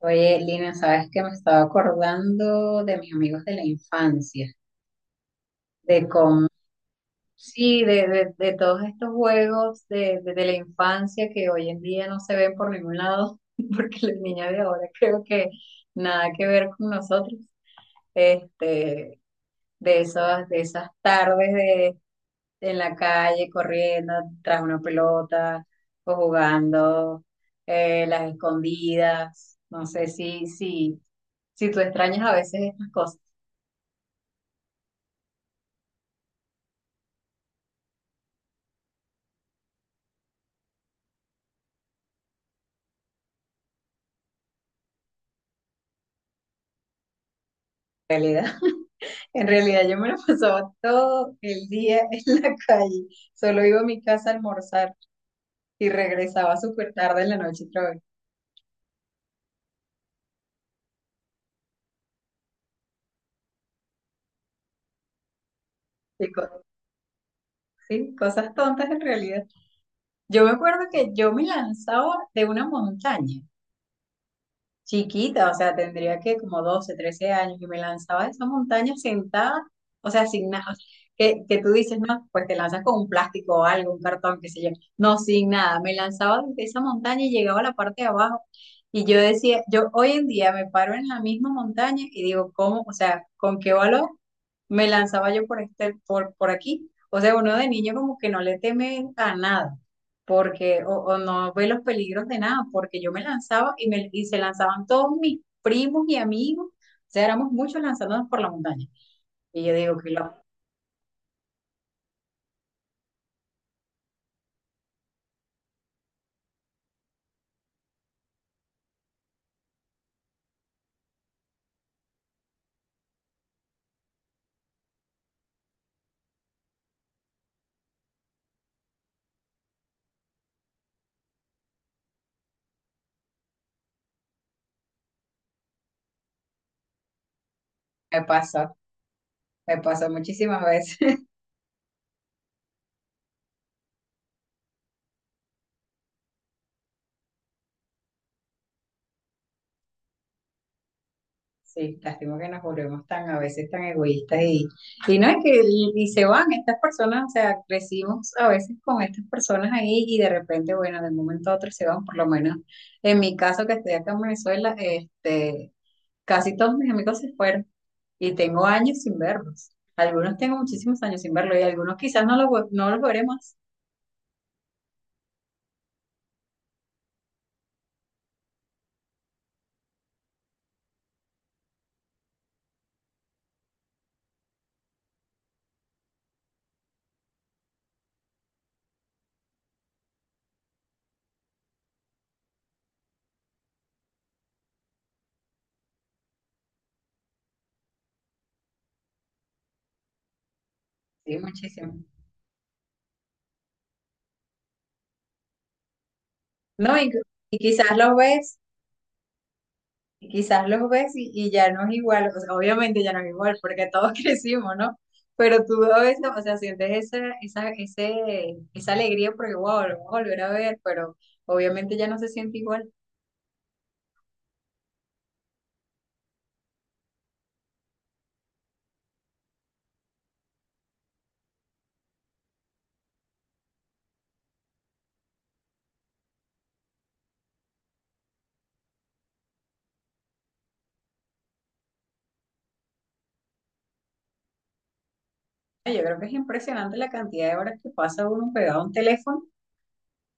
Oye, Lina, sabes que me estaba acordando de mis amigos de la infancia, de cómo, sí, de todos estos juegos de la infancia que hoy en día no se ven por ningún lado, porque las niñas de ahora creo que nada que ver con nosotros. Este, de esas tardes de, en la calle corriendo tras una pelota o jugando las escondidas. No sé si tú extrañas a veces estas cosas. Realidad. En realidad yo me lo pasaba todo el día en la calle. Solo iba a mi casa a almorzar y regresaba súper tarde en la noche otra vez. Y co- sí, cosas tontas en realidad. Yo me acuerdo que yo me lanzaba de una montaña chiquita, o sea, tendría que como 12, 13 años y me lanzaba de esa montaña sentada, o sea, sin nada, que tú dices, no, pues te lanzas con un plástico o algo, un cartón, qué sé yo, no, sin nada, me lanzaba desde esa montaña y llegaba a la parte de abajo y yo decía, yo hoy en día me paro en la misma montaña y digo, ¿cómo? O sea, ¿con qué valor? Me lanzaba yo por, este, por aquí. O sea, uno de niño como que no le teme a nada, porque, o no ve los peligros de nada, porque yo me lanzaba y, me, y se lanzaban todos mis primos y amigos. O sea, éramos muchos lanzándonos por la montaña. Y yo digo, que lo me pasó, me pasó muchísimas veces. Sí, lástima que nos volvemos tan a veces tan egoístas y no es que y se van estas personas, o sea, crecimos a veces con estas personas ahí y de repente, bueno, de un momento a otro se van, por lo menos en mi caso que estoy acá en Venezuela, casi todos mis amigos se fueron y tengo años sin verlos. Algunos tengo muchísimos años sin verlos y algunos quizás no no los veremos. Sí, muchísimo. No, y quizás los ves. Y quizás los ves y ya no es igual, o sea, obviamente ya no es igual, porque todos crecimos, ¿no? Pero tú a veces, o sea, sientes esa alegría porque, wow, lo vamos a volver a ver, pero obviamente ya no se siente igual. Ay, yo creo que es impresionante la cantidad de horas que pasa uno pegado a un teléfono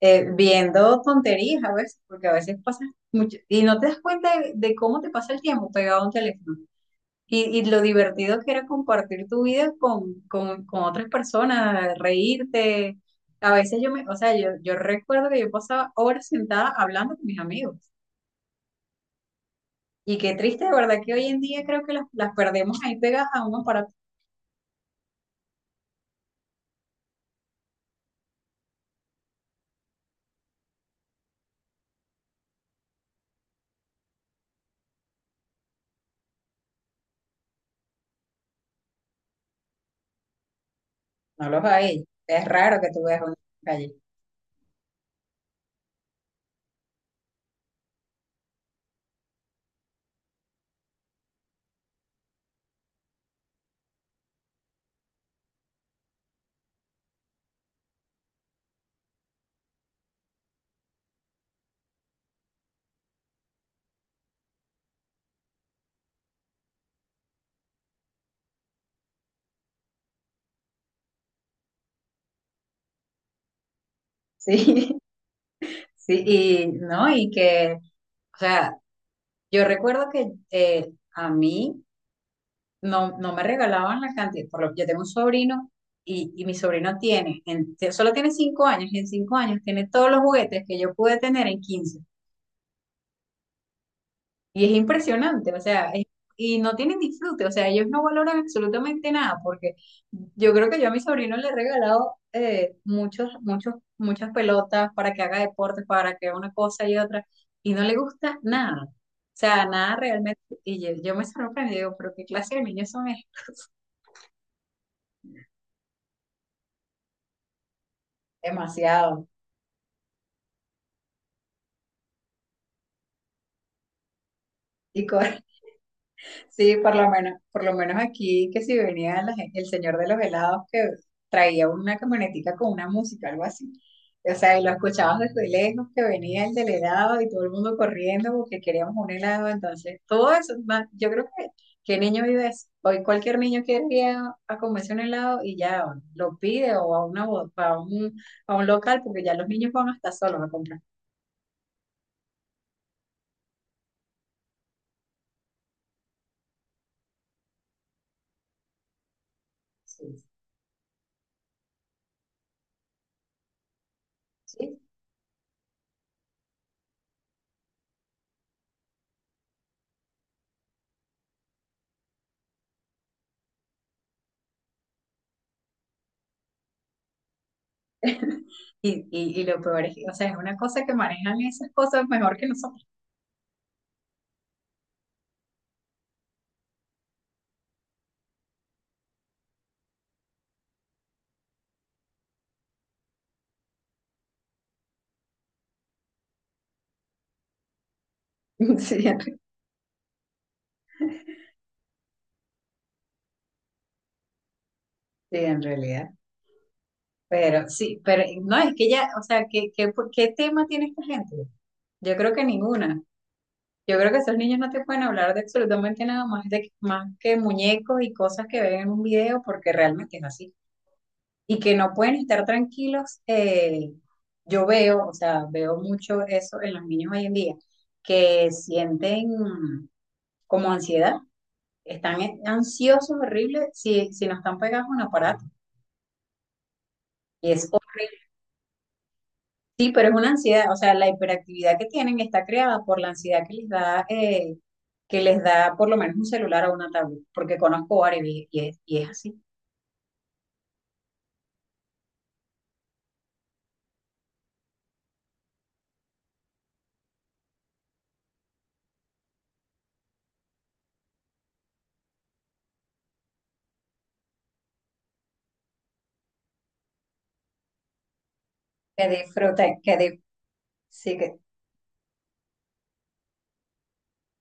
viendo tonterías a veces, porque a veces pasa mucho, y no te das cuenta de cómo te pasa el tiempo pegado a un teléfono. Y lo divertido que era compartir tu vida con otras personas, reírte. A veces yo me, o sea, yo recuerdo que yo pasaba horas sentada hablando con mis amigos. Y qué triste, de verdad, que hoy en día creo que las perdemos ahí pegadas a un aparato. No los hay. Es raro que tú veas una en la calle. Sí, sí, y no, y que, o sea, yo recuerdo que a mí no, no me regalaban la cantidad, por lo que yo tengo un sobrino y mi sobrino tiene, solo tiene 5 años y en 5 años tiene todos los juguetes que yo pude tener en 15 Y es impresionante, y no tienen disfrute, o sea, ellos no valoran absolutamente nada porque yo creo que yo a mi sobrino le he regalado muchos, muchos, muchas pelotas para que haga deportes, para que haga una cosa y otra, y no le gusta nada. O sea, nada realmente. Y yo me sorprendí, digo, ¿pero qué clase de niños son estos? Demasiado. Y co- Sí, por lo menos aquí que si venía el señor de los helados que traía una camionetica con una música, algo así. O sea, y lo escuchabas desde lejos que venía el del helado y todo el mundo corriendo porque queríamos un helado. Entonces, todo eso, yo creo que, ¿qué niño vive eso? Hoy cualquier niño quiere ir a comerse un helado y ya lo pide o a una a un local porque ya los niños van hasta solos a comprar. Sí, y, y lo peor es que, o sea, es una cosa que manejan esas cosas mejor que nosotros. Sí, en re- sí, en realidad. Pero sí, pero no, es que ya, o sea, qué tema tiene esta gente? Yo creo que ninguna. Yo creo que esos niños no te pueden hablar de absolutamente nada más, de, más que muñecos y cosas que ven en un video, porque realmente es así. Y que no pueden estar tranquilos. Yo veo, o sea, veo mucho eso en los niños hoy en día, que sienten como ansiedad. Ansiosos, horribles, si no están pegados a un aparato. Y es, hor- sí, pero es una ansiedad, o sea, la hiperactividad que tienen está creada por la ansiedad que les da por lo menos un celular o una tablet, porque conozco varios y es así. Que disfrutan, que, di- sí.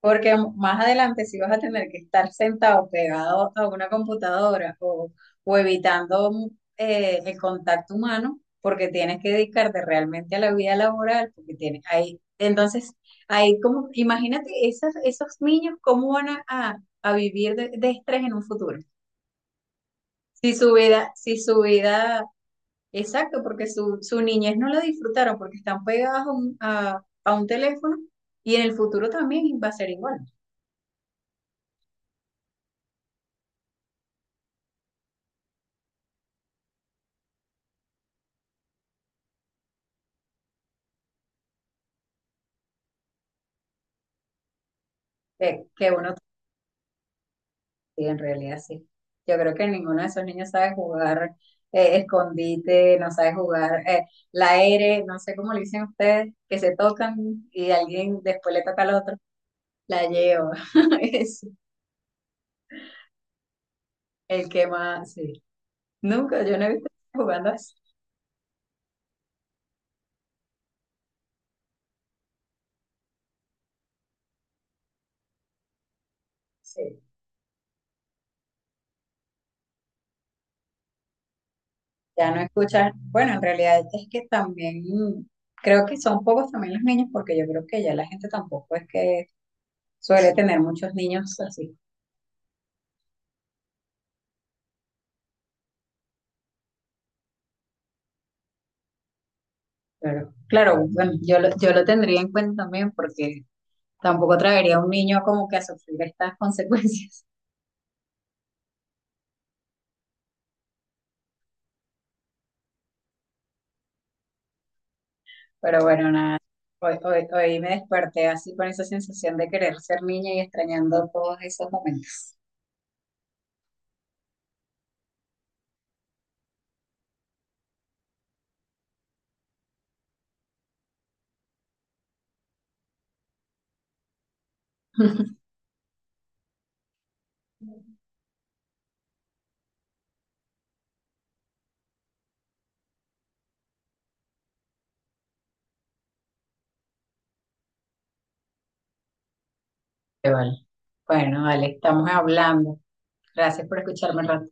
Porque más adelante sí vas a tener que estar sentado pegado a una computadora o evitando el contacto humano porque tienes que dedicarte realmente a la vida laboral, porque tienes ahí, entonces, ahí como, imagínate esos, esos niños cómo van a, a vivir de estrés en un futuro. Si su vida, exacto, porque su niñez no la disfrutaron porque están pegados a un, a un teléfono y en el futuro también va a ser igual que uno. Sí, en realidad sí. Yo creo que ninguno de esos niños sabe jugar escondite, no sabe jugar la R, no sé cómo le dicen ustedes, que se tocan y alguien después le toca al otro, la llevo. Es el que más, sí. Nunca, yo no he visto jugando así. Sí, ya no escuchan. Bueno, en realidad es que también creo que son pocos también los niños, porque yo creo que ya la gente tampoco es que suele tener muchos niños así. Claro, claro, bueno, yo lo tendría en cuenta también porque tampoco traería a un niño como que a sufrir estas consecuencias. Pero bueno, nada, hoy, hoy, hoy me desperté así con esa sensación de querer ser niña y extrañando todos esos momentos. Vale. Bueno, vale, estamos hablando. Gracias por escucharme, Rafa.